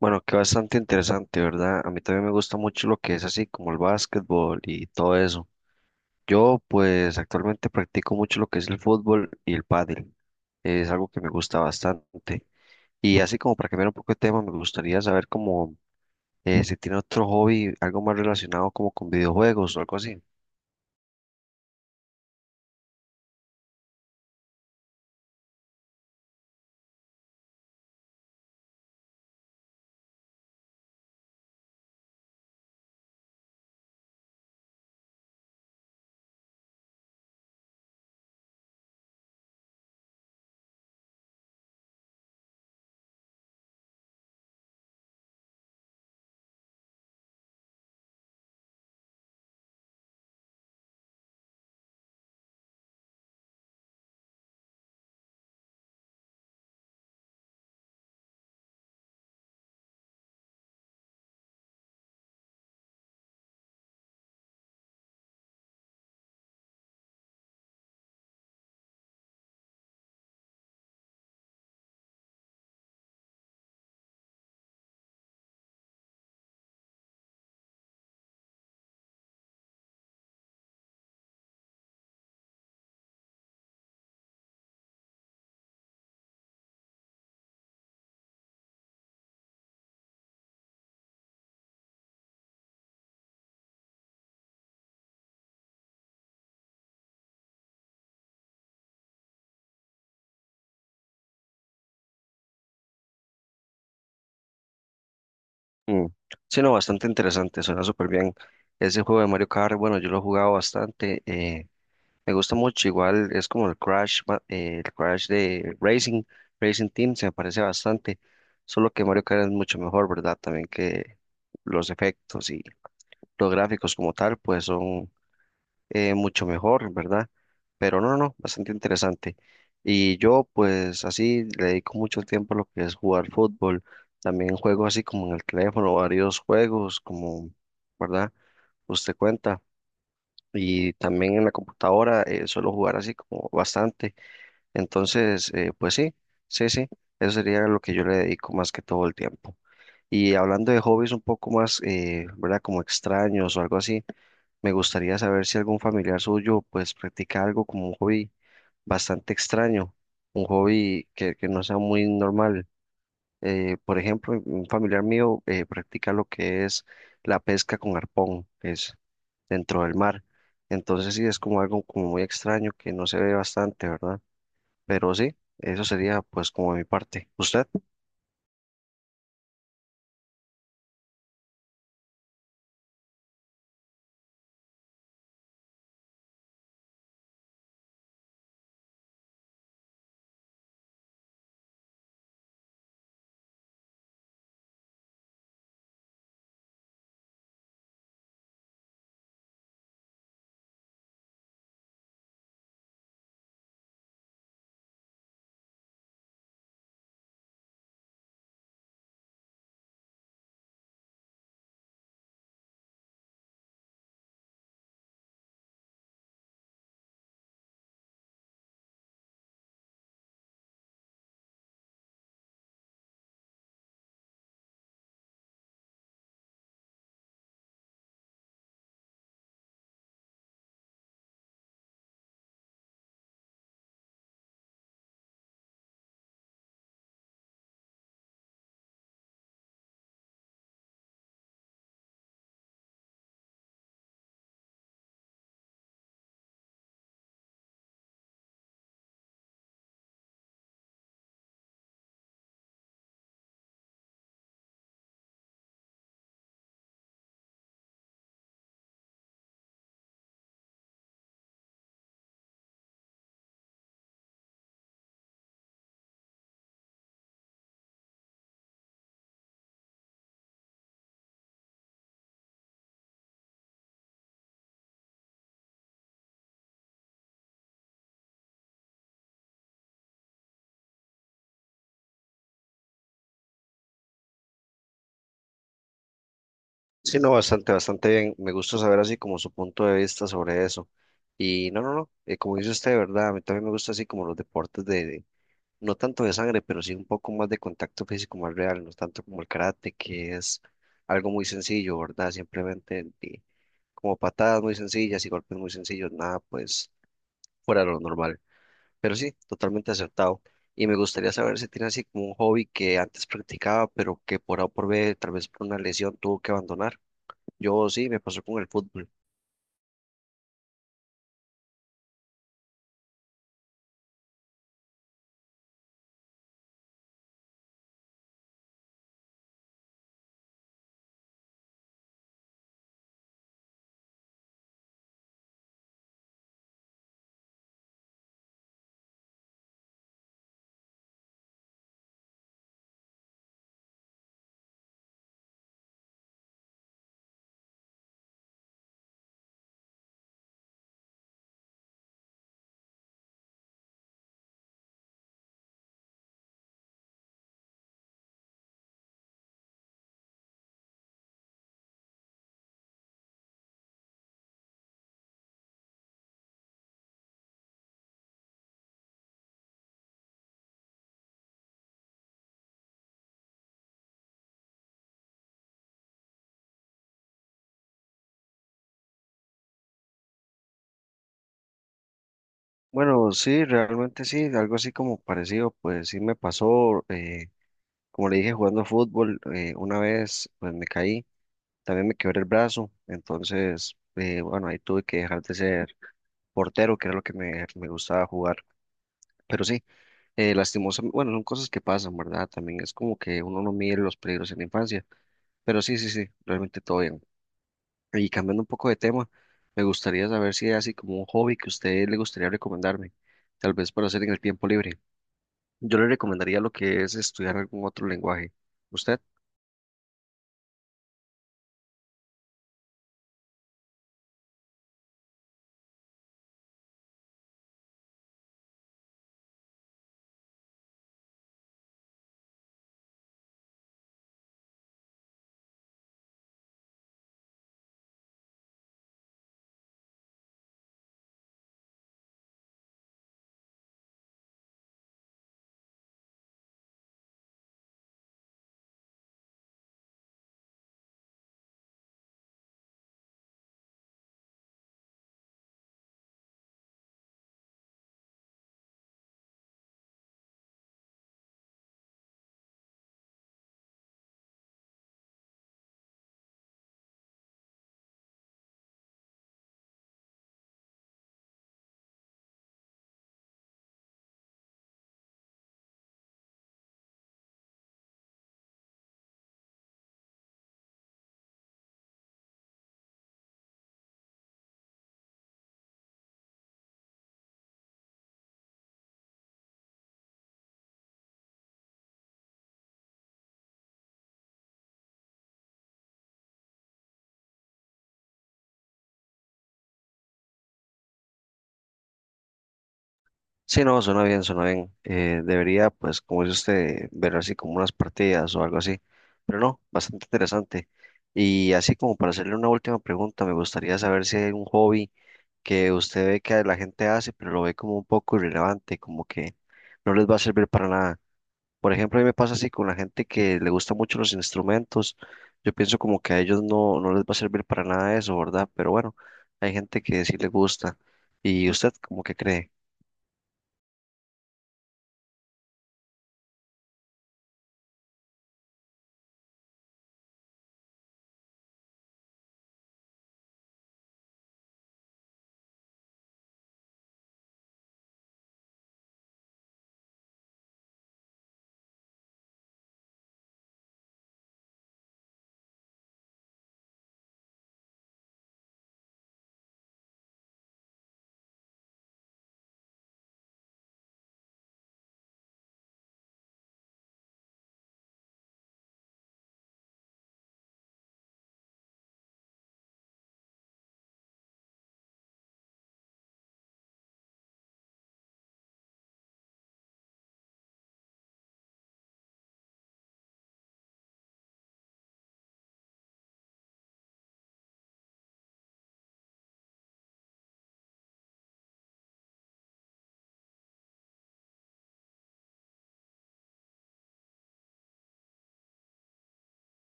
Bueno, que bastante interesante, ¿verdad? A mí también me gusta mucho lo que es así como el básquetbol y todo eso. Yo pues actualmente practico mucho lo que es el fútbol y el pádel. Es algo que me gusta bastante. Y así como para cambiar un poco de tema, me gustaría saber como si tiene otro hobby, algo más relacionado como con videojuegos o algo así. Mm. Sí, no, bastante interesante, suena súper bien. Ese juego de Mario Kart, bueno, yo lo he jugado bastante. Me gusta mucho, igual es como el Crash, el Crash de Racing, Racing Team, se me parece bastante, solo que Mario Kart es mucho mejor, ¿verdad? También que los efectos y los gráficos como tal, pues son mucho mejor, ¿verdad? Pero no, bastante interesante. Y yo, pues así, le dedico mucho tiempo a lo que es jugar fútbol, también juego así como en el teléfono, varios juegos, como, ¿verdad? Usted cuenta, y también en la computadora suelo jugar así como bastante. Entonces, pues sí, sí, sí, eso sería lo que yo le dedico más que todo el tiempo. Y hablando de hobbies un poco más, ¿verdad? Como extraños o algo así, me gustaría saber si algún familiar suyo pues practica algo como un hobby bastante extraño, un hobby que no sea muy normal. Por ejemplo, un familiar mío practica lo que es la pesca con arpón, es dentro del mar. Entonces sí, es como algo como muy extraño que no se ve bastante, ¿verdad? Pero sí, eso sería pues como mi parte. ¿Usted? Sí, no, bastante, bastante bien. Me gusta saber así como su punto de vista sobre eso. Y no, como dice usted, ¿verdad? A mí también me gusta así como los deportes de, no tanto de sangre, pero sí un poco más de contacto físico más real, no tanto como el karate, que es algo muy sencillo, ¿verdad? Simplemente como patadas muy sencillas y golpes muy sencillos, nada pues fuera de lo normal. Pero sí, totalmente acertado. Y me gustaría saber si tiene así como un hobby que antes practicaba, pero que por A o por B, tal vez por una lesión, tuvo que abandonar. Yo sí, me pasó con el fútbol. Bueno, sí, realmente sí, algo así como parecido, pues sí me pasó. Como le dije, jugando fútbol, una vez pues me caí, también me quebré el brazo, entonces, bueno, ahí tuve que dejar de ser portero, que era lo que me gustaba jugar. Pero sí, lastimosamente, bueno, son cosas que pasan, ¿verdad? También es como que uno no mide los peligros en la infancia, pero sí, sí, sí, realmente todo bien. Y cambiando un poco de tema, me gustaría saber si hay así como un hobby que a usted le gustaría recomendarme, tal vez para hacer en el tiempo libre. Yo le recomendaría lo que es estudiar algún otro lenguaje. ¿Usted? Sí, no, suena bien, suena bien. Debería, pues, como dice usted, ver así como unas partidas o algo así. Pero no, bastante interesante. Y así como para hacerle una última pregunta, me gustaría saber si hay un hobby que usted ve que la gente hace, pero lo ve como un poco irrelevante, como que no les va a servir para nada. Por ejemplo, a mí me pasa así con la gente que le gustan mucho los instrumentos. Yo pienso como que a ellos no, no les va a servir para nada eso, ¿verdad? Pero bueno, hay gente que sí le gusta. ¿Y usted como que cree?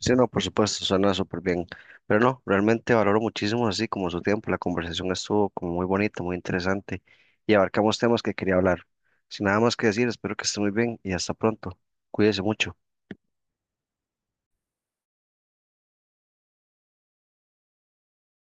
Sí, no, por supuesto, suena súper bien. Pero no, realmente valoro muchísimo así como su tiempo. La conversación estuvo como muy bonita, muy interesante y abarcamos temas que quería hablar. Sin nada más que decir, espero que esté muy bien y hasta pronto. Cuídese mucho.